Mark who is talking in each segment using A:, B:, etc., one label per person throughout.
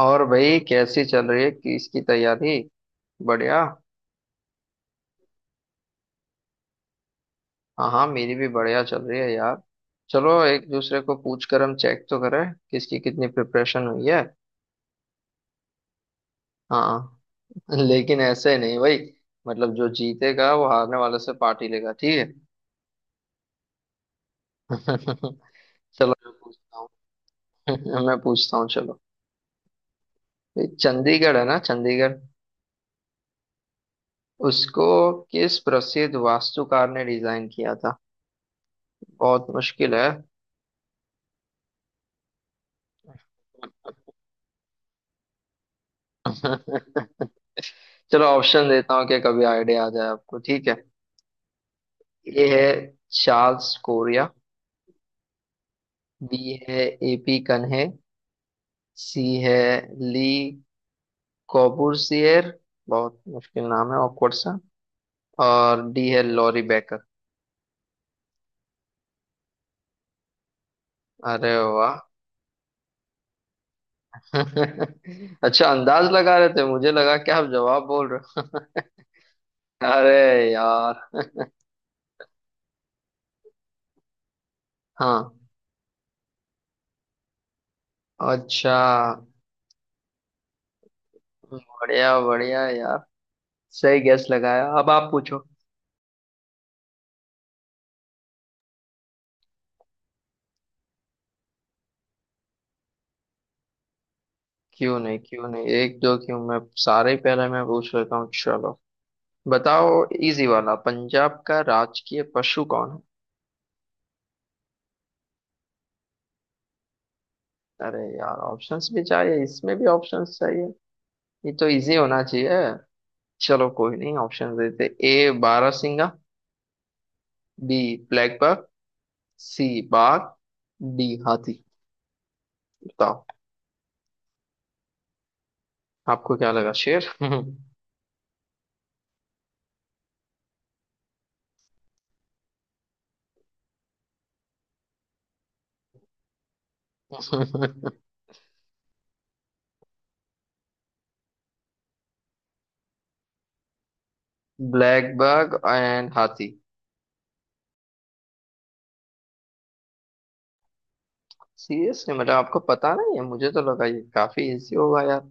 A: और भाई कैसी चल रही है किस की तैयारी। बढ़िया। हाँ हाँ, मेरी भी बढ़िया चल रही है यार। चलो एक दूसरे को पूछ कर हम चेक तो करें किसकी कितनी प्रिपरेशन हुई है। हाँ। लेकिन ऐसे नहीं भाई, मतलब जो जीतेगा वो हारने वाले से पार्टी लेगा, ठीक है। चलो मैं पूछता हूँ मैं पूछता हूँ चलो। ये चंडीगढ़ है ना, चंडीगढ़ उसको किस प्रसिद्ध वास्तुकार ने डिजाइन किया था। बहुत मुश्किल है। चलो ऑप्शन देता हूँ कि कभी आइडिया आ जाए आपको, ठीक है। ए है चार्ल्स कोरिया, बी है एपी कन्हे, सी है ली कोबूसिएर, बहुत मुश्किल नाम है ऑकवर्ड सा, और डी है लॉरी बेकर। अरे वाह! अच्छा, अंदाज लगा रहे थे, मुझे लगा कि आप जवाब बोल रहे हो। अरे यार। हाँ। अच्छा। बढ़िया बढ़िया यार, सही गैस लगाया। अब आप पूछो। क्यों नहीं क्यों नहीं, एक दो क्यों, मैं सारे ही पहले मैं पूछ लेता हूँ चलो। बताओ। इजी वाला, पंजाब का राजकीय पशु कौन है। अरे यार, ऑप्शंस भी चाहिए, इसमें भी ऑप्शंस चाहिए। ये तो इजी होना चाहिए। चलो कोई नहीं, ऑप्शन देते। ए बारहसिंगा, बी ब्लैक बक, सी बाघ, डी हाथी। बताओ। आपको क्या लगा, शेर? ब्लैक बक एंड हाथी। सीरियसली, मतलब आपको पता नहीं है? मुझे तो लगा ये काफी इजी होगा यार।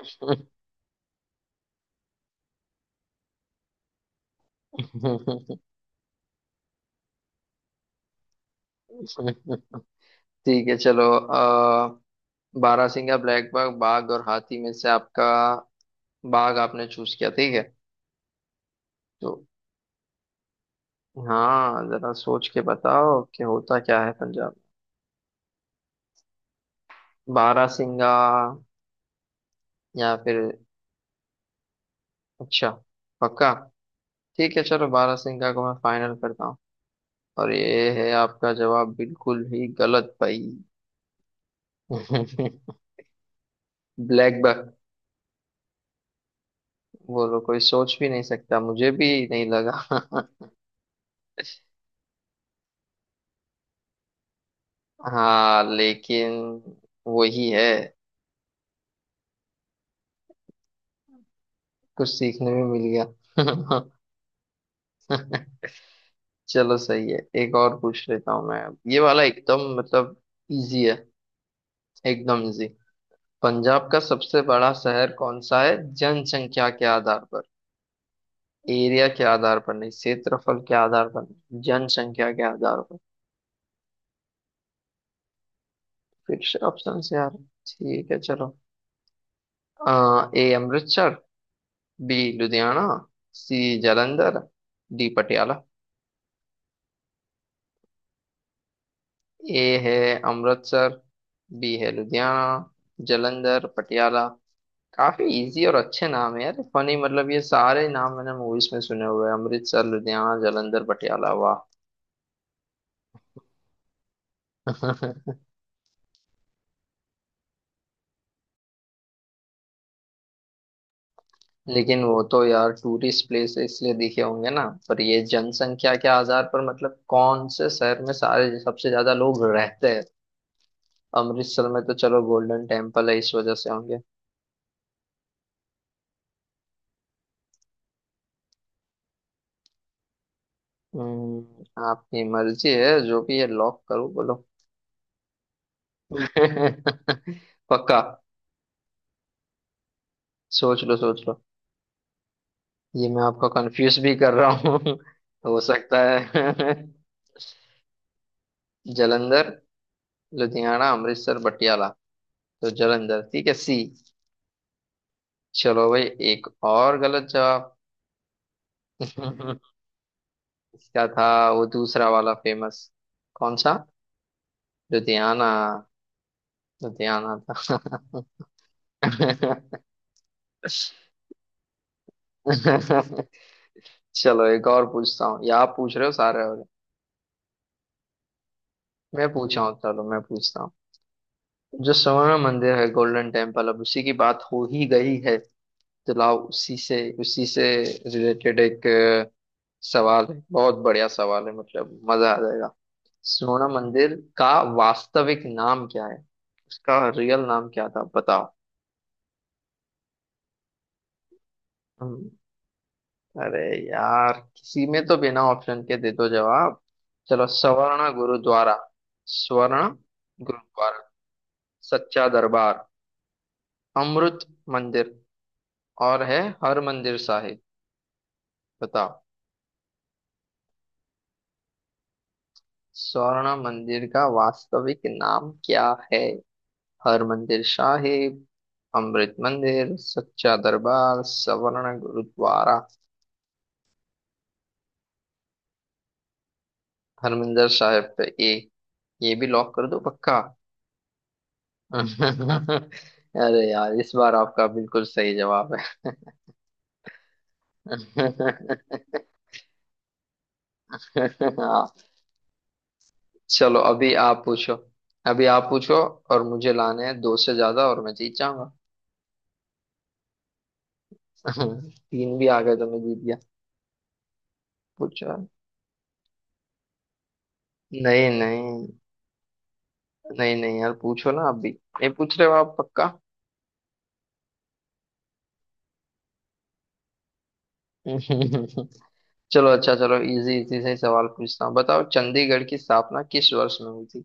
A: ठीक है, चलो बारहसिंगा, ब्लैक बाघ, बाघ और हाथी में से आपका बाघ, आपने चूज किया, ठीक है। तो हाँ, जरा सोच के बताओ कि होता क्या है पंजाब में, बारहसिंगा या फिर? अच्छा, पक्का? ठीक है चलो, बारहसिंगा को मैं फाइनल करता हूँ, और ये है आपका जवाब बिल्कुल ही गलत भाई। Black buck. बोलो, कोई सोच भी नहीं सकता, मुझे भी नहीं लगा। हाँ लेकिन वही है। कुछ सीखने में मिल गया। चलो सही है, एक और पूछ लेता हूँ मैं अब। ये वाला एकदम, मतलब इजी है, एकदम इजी। पंजाब का सबसे बड़ा शहर कौन सा है जनसंख्या के आधार पर? एरिया के आधार पर नहीं, क्षेत्रफल के आधार पर नहीं, जनसंख्या के आधार पर। फिर से ऑप्शन से यार? ठीक है चलो आ, A Amritsar, B Ludhiana, C Jalandhar, D Patiala. A है अमृतसर, बी है लुधियाना, जलंधर, पटियाला। काफी इजी और अच्छे नाम है यार, फनी। मतलब ये सारे नाम मैंने मूवीज में सुने हुए हैं, अमृतसर, लुधियाना, जलंधर, पटियाला। वाह! लेकिन वो तो यार टूरिस्ट प्लेस इसलिए दिखे होंगे ना, पर ये जनसंख्या के आधार पर, मतलब कौन से शहर में सारे सबसे ज्यादा लोग रहते हैं। अमृतसर में तो चलो गोल्डन टेम्पल है, इस वजह से होंगे। आपकी मर्जी है, जो भी है लॉक करो, बोलो। पक्का? सोच लो सोच लो। ये मैं आपको कंफ्यूज भी कर रहा हूँ, हो सकता है। जलंधर, लुधियाना, अमृतसर, पटियाला, तो जलंधर ठीक है सी। चलो भाई, एक और गलत जवाब। इसका था वो दूसरा वाला फेमस, कौन सा? लुधियाना, लुधियाना था। चलो एक और पूछता हूँ, या आप पूछ रहे हो सारे और? मैं पूछा हूँ, चलो मैं पूछता हूँ। जो स्वर्ण मंदिर है, गोल्डन टेम्पल, अब उसी की बात हो ही गई है, तो लाओ उसी से, रिलेटेड एक सवाल है। बहुत बढ़िया सवाल है, मतलब मजा आ जाएगा। स्वर्ण मंदिर का वास्तविक नाम क्या है? उसका रियल नाम क्या था, बताओ। अरे यार, किसी में तो बिना ऑप्शन के दे दो जवाब। चलो सवर्ण गुरुद्वारा, स्वर्ण गुरुद्वारा, सच्चा दरबार, अमृत मंदिर, और है हर मंदिर साहिब। बताओ। स्वर्ण मंदिर का वास्तविक नाम क्या है? हर मंदिर साहिब, अमृत मंदिर, सच्चा दरबार, सवर्ण गुरुद्वारा। हर मंदिर साहिब पे ए? ये भी लॉक कर दो, पक्का? अरे यार, इस बार आपका बिल्कुल सही जवाब है। हाँ, चलो अभी आप पूछो, अभी आप पूछो। और मुझे लाने हैं दो से ज्यादा और मैं जीत जाऊंगा। तीन भी आ गए तो मैं जीत गया। पूछो यार। नहीं नहीं, नहीं नहीं यार, पूछो ना आप भी। नहीं पूछ रहे हो आप, पक्का? चलो अच्छा, चलो इजी इजी से ही सवाल पूछता हूँ। बताओ चंडीगढ़ की स्थापना किस वर्ष में हुई थी।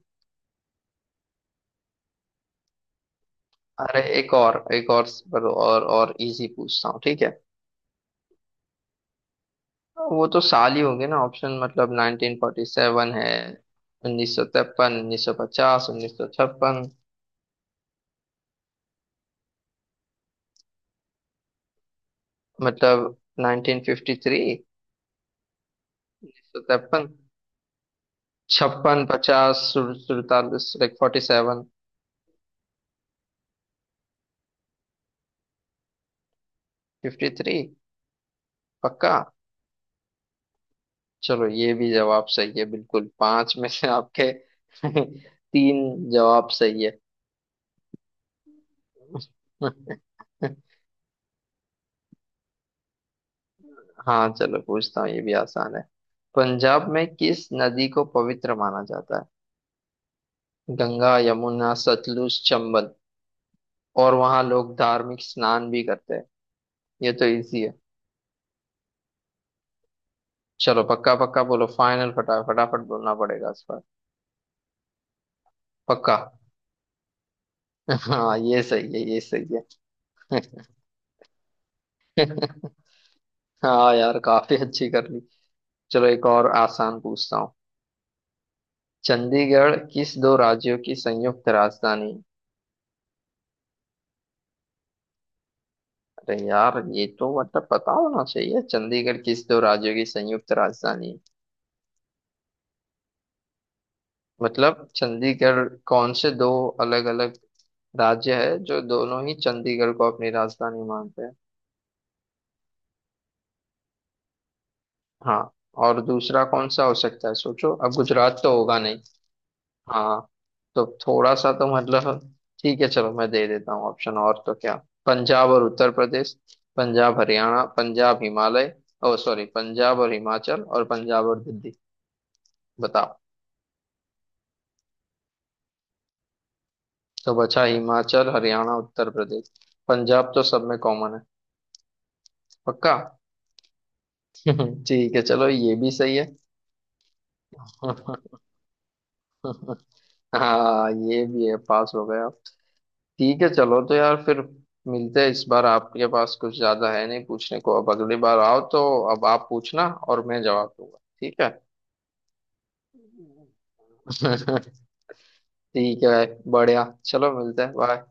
A: अरे एक और एक और, और इजी पूछता हूँ, ठीक है। वो तो साल ही होंगे ना ऑप्शन, मतलब 1947 है, 1953, 1950, 1956। मतलब 1953। 1953, 56, 50, 47 लाइक 47, 53। पक्का? चलो ये भी जवाब सही है, बिल्कुल। पांच में से आपके तीन जवाब सही है। हाँ, चलो पूछता हूँ ये भी आसान है। पंजाब में किस नदी को पवित्र माना जाता है? गंगा, यमुना, सतलुज, चंबल। और वहां लोग धार्मिक स्नान भी करते हैं, ये तो इजी है। चलो पक्का पक्का बोलो, फाइनल, फटा फटाफट बोलना पड़ेगा इस बार। पक्का? हाँ ये सही है, ये सही है। हाँ यार, काफी अच्छी कर ली। चलो एक और आसान पूछता हूँ। चंडीगढ़ किस दो राज्यों की संयुक्त राजधानी है? अरे यार, ये तो मतलब पता होना चाहिए, चंडीगढ़ किस दो राज्यों की संयुक्त राजधानी है? मतलब चंडीगढ़ कौन से दो अलग अलग राज्य है जो दोनों ही चंडीगढ़ को अपनी राजधानी मानते हैं। हाँ, और दूसरा कौन सा हो सकता है, सोचो, अब गुजरात तो होगा नहीं। हाँ, तो थोड़ा सा तो मतलब ठीक है, चलो मैं दे देता हूँ ऑप्शन, और तो क्या। पंजाब और उत्तर प्रदेश, पंजाब हरियाणा, पंजाब हिमालय, ओ सॉरी, पंजाब और हिमाचल, और पंजाब और दिल्ली। बताओ। तो बचा हिमाचल, हरियाणा, उत्तर प्रदेश, पंजाब तो सब में कॉमन है। पक्का? ठीक है, चलो ये भी सही है। हाँ ये भी है, पास हो गए आप। ठीक है चलो, तो यार फिर मिलते हैं, इस बार आपके पास कुछ ज्यादा है नहीं पूछने को, अब अगली बार आओ तो अब आप पूछना और मैं जवाब दूंगा, ठीक है। ठीक है, बढ़िया, चलो मिलते हैं, बाय।